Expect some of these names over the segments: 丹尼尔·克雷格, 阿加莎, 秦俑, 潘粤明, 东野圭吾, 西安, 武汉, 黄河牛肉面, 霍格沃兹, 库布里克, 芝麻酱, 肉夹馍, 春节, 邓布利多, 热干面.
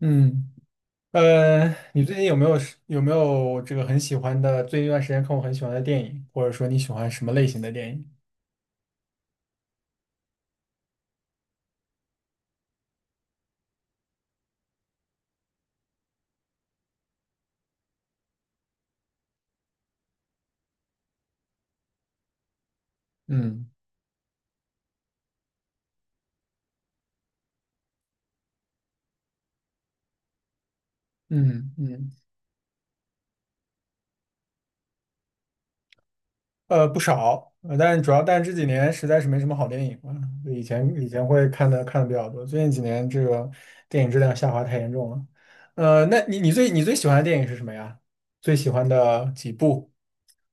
嗯，你最近有没有这个很喜欢的，最近一段时间看过很喜欢的电影，或者说你喜欢什么类型的电影？嗯嗯嗯，不少，但是这几年实在是没什么好电影了，就以前会看的看的比较多，最近几年这个电影质量下滑太严重了。呃，那你最喜欢的电影是什么呀？最喜欢的几部，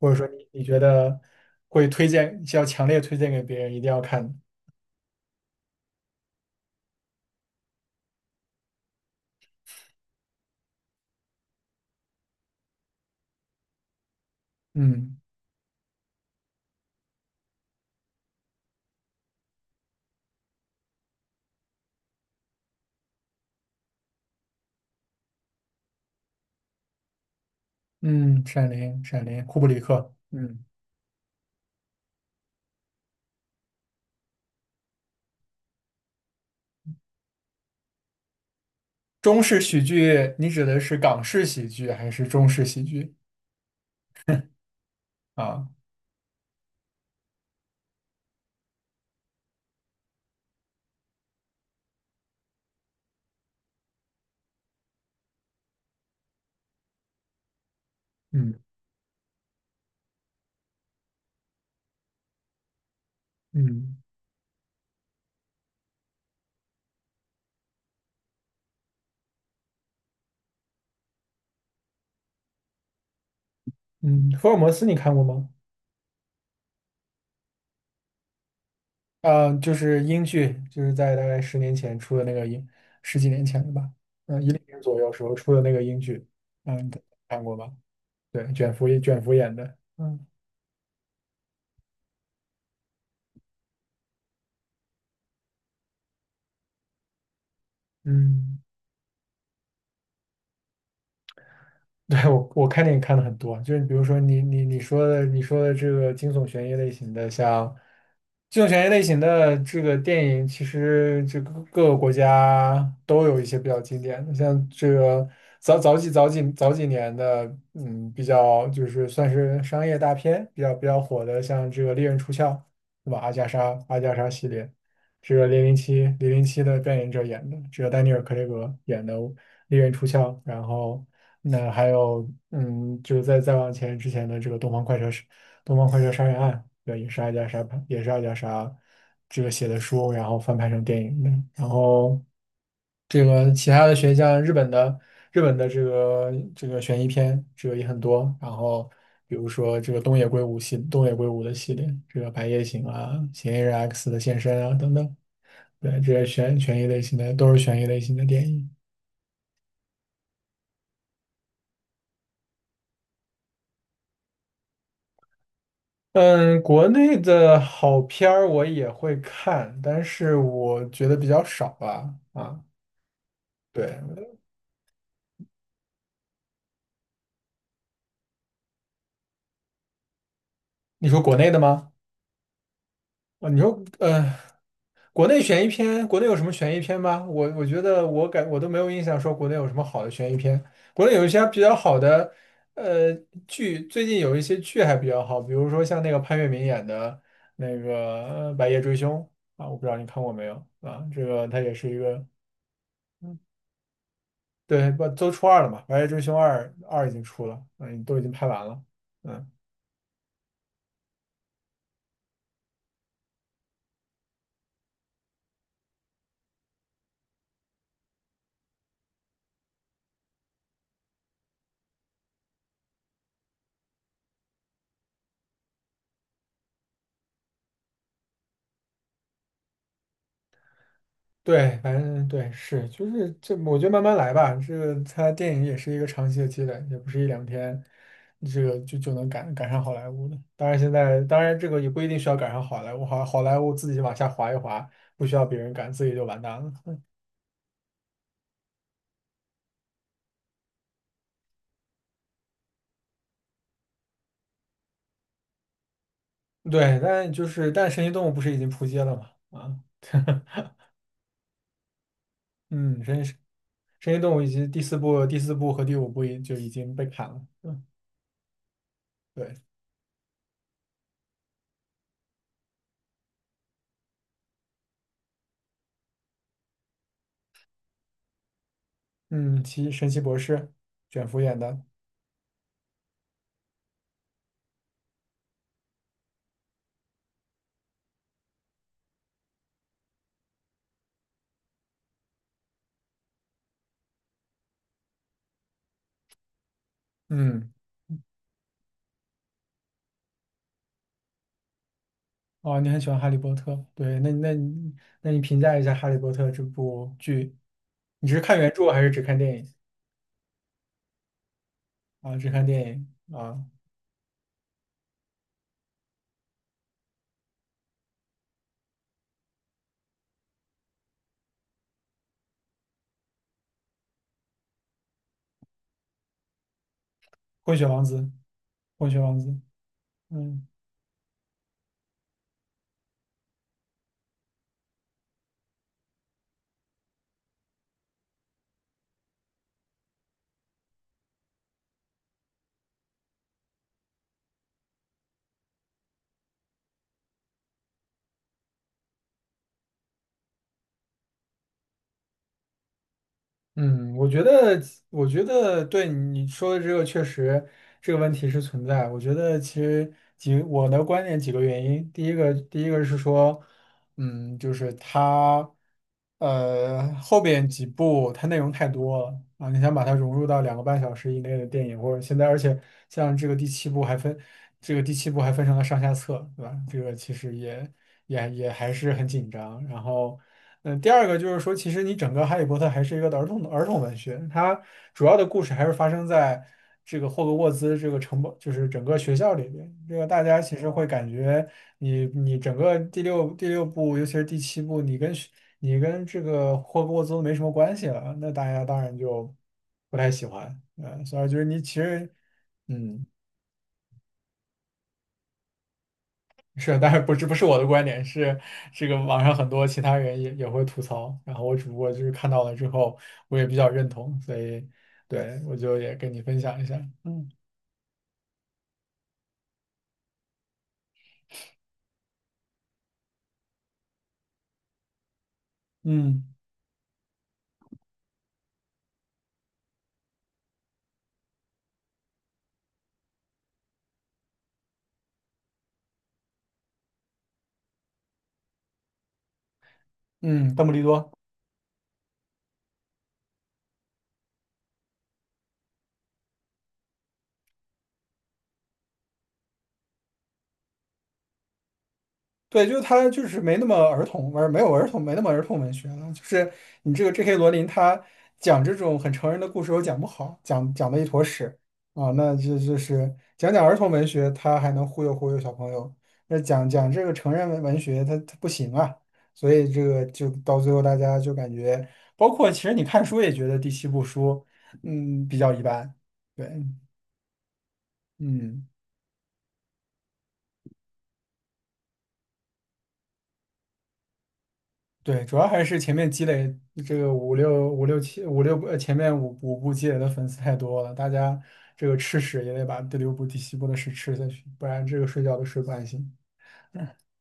或者说你觉得会推荐，要强烈推荐给别人一定要看的。嗯。嗯，《闪灵》库布里克，嗯，中式喜剧，你指的是港式喜剧还是中式喜剧啊？嗯嗯嗯，福尔摩斯你看过吗？啊，就是英剧，就是在大概十年前出的那个英，十几年前的吧？嗯，一零年左右时候出的那个英剧，嗯，看过吧？嗯嗯。对，我看电影看的很多，就是比如说你说的这个惊悚悬疑类型的，像惊悚悬疑类型的这个电影，其实这个各个国家都有一些比较经典的，像这个早几年的，嗯，就是算是商业大片，比较火的，像这个《猎人出鞘》，对吧？阿加莎系列。这个《零零七》的扮演者演的，这个丹尼尔·克雷格演的利刃出鞘，然后那还有嗯，就是再往前之前的这个东方快车》杀人案，对，也是阿加莎这个写的书，然后翻拍成电影的，然后。这个其他的悬像日本的日本的这个悬疑片，这个也很多。然后比如说这个东野圭吾的系列，这个《白夜行》啊，《嫌疑人 X 的现身》啊等等，对，这些悬疑类型的都是悬疑类型的电影。嗯，国内的好片儿我也会看，但是我觉得比较少吧。啊，对，你说国内的吗？啊，你说，国内悬疑片，国内有什么悬疑片吗？我我觉得我感我都没有印象说国内有什么好的悬疑片。国内有一些比较好的，呃，剧，最近有一些剧还比较好，比如说像那个潘粤明演的那个白夜追凶》啊，我不知道你看过没有啊？这个它也是一个，对，不都出二了嘛，《白夜追凶二》二已经出了，嗯，都已经拍完了。嗯。对，反正对，是，就是这，我觉得慢慢来吧。这个它电影也是一个长期的积累，也不是一两天，这个就能赶上好莱坞的。当然，现在当然这个也不一定需要赶上好莱坞，好莱坞自己往下滑一滑，不需要别人赶，自己就完蛋了。对，但《神奇动物》不是已经扑街了吗？啊，嗯，神奇动物已经第四部、第四部和第五部已经被砍了。嗯，对，嗯，神奇博士，卷福演的，嗯。哦，你很喜欢《哈利波特》，对，那你评价一下《哈利波特》这部剧，你是看原著还是只看电影啊？只看电影啊，《混血王子》，《混血王子》，嗯。嗯，我觉得，我觉得你说的这个确实这个问题是存在。我觉得其实我的观点几个原因，第一个是说，嗯，就是它，呃，后边几部它内容太多了啊，你想把它融入到两个半小时以内的电影，或者现在，而且像这个第七部还分这个第七部还分成了上下册，对吧？这个其实也还是很紧张，然后。嗯，第二个就是说，其实你整个《哈利波特》还是一个儿童文学，它主要的故事还是发生在这个霍格沃兹这个城堡，就是整个学校里边。这个大家其实会感觉你你整个第六第六部，尤其是第七部，你跟这个霍格沃兹都没什么关系了，那大家当然就不太喜欢。嗯，所以就是你其实，嗯。是，不是我的观点，是这个网上很多其他人也会吐槽，然后我只不过就是看到了之后，我也比较认同，所以对我就也跟你分享一下。嗯嗯嗯，邓布利多。对，就是他，就是没那么儿童而没有儿童，没那么儿童文学了。就是你这个 J.K. 罗琳，他讲这种很成人的故事又讲不好，讲的一坨屎啊。那就是讲儿童文学，他还能忽悠小朋友；那讲这个成人文文学，他不行啊。所以这个就到最后，大家就感觉，包括其实你看书也觉得第七部书，嗯，比较一般。对，嗯。对，主要还是前面积累这个五六呃前面五五部积累的粉丝太多了，大家这个吃屎也得把第六部、第七部的屎吃下去，不然这个睡觉都睡不安心。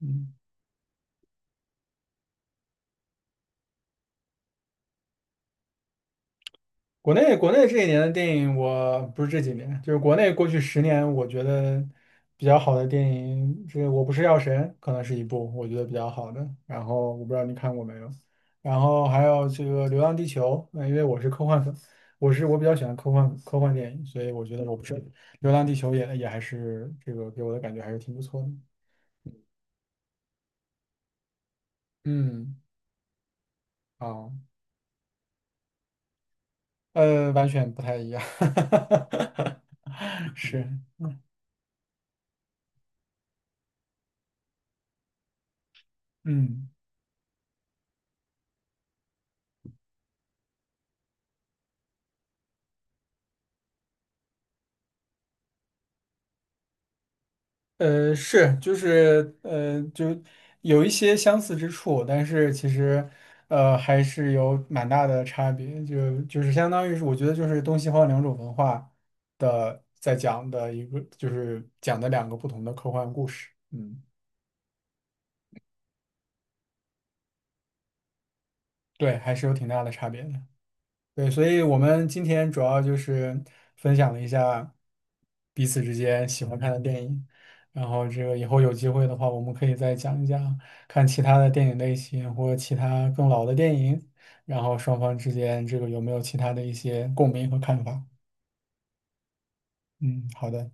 嗯。国内这一年的电影，我不是这几年，就是国内过去十年，我觉得比较好的电影，这个《我不是药神》可能是一部我觉得比较好的。然后我不知道你看过没有，然后还有这个《流浪地球》，呃，因为我是科幻粉，我比较喜欢科幻电影，所以我觉得我不是《流浪地球也》也还是这个给我的感觉还是挺不错的。嗯，啊，完全不太一样，是，嗯。就有一些相似之处，但是其实还是有蛮大的差别，就是相当于是我觉得就是东西方两种文化的在讲的一个，就是讲的两个不同的科幻故事，嗯，对，还是有挺大的差别的。对，所以我们今天主要就是分享了一下彼此之间喜欢看的电影，然后这个以后有机会的话，我们可以再讲一讲看其他的电影类型或其他更老的电影，然后双方之间这个有没有其他的一些共鸣和看法。嗯，好的。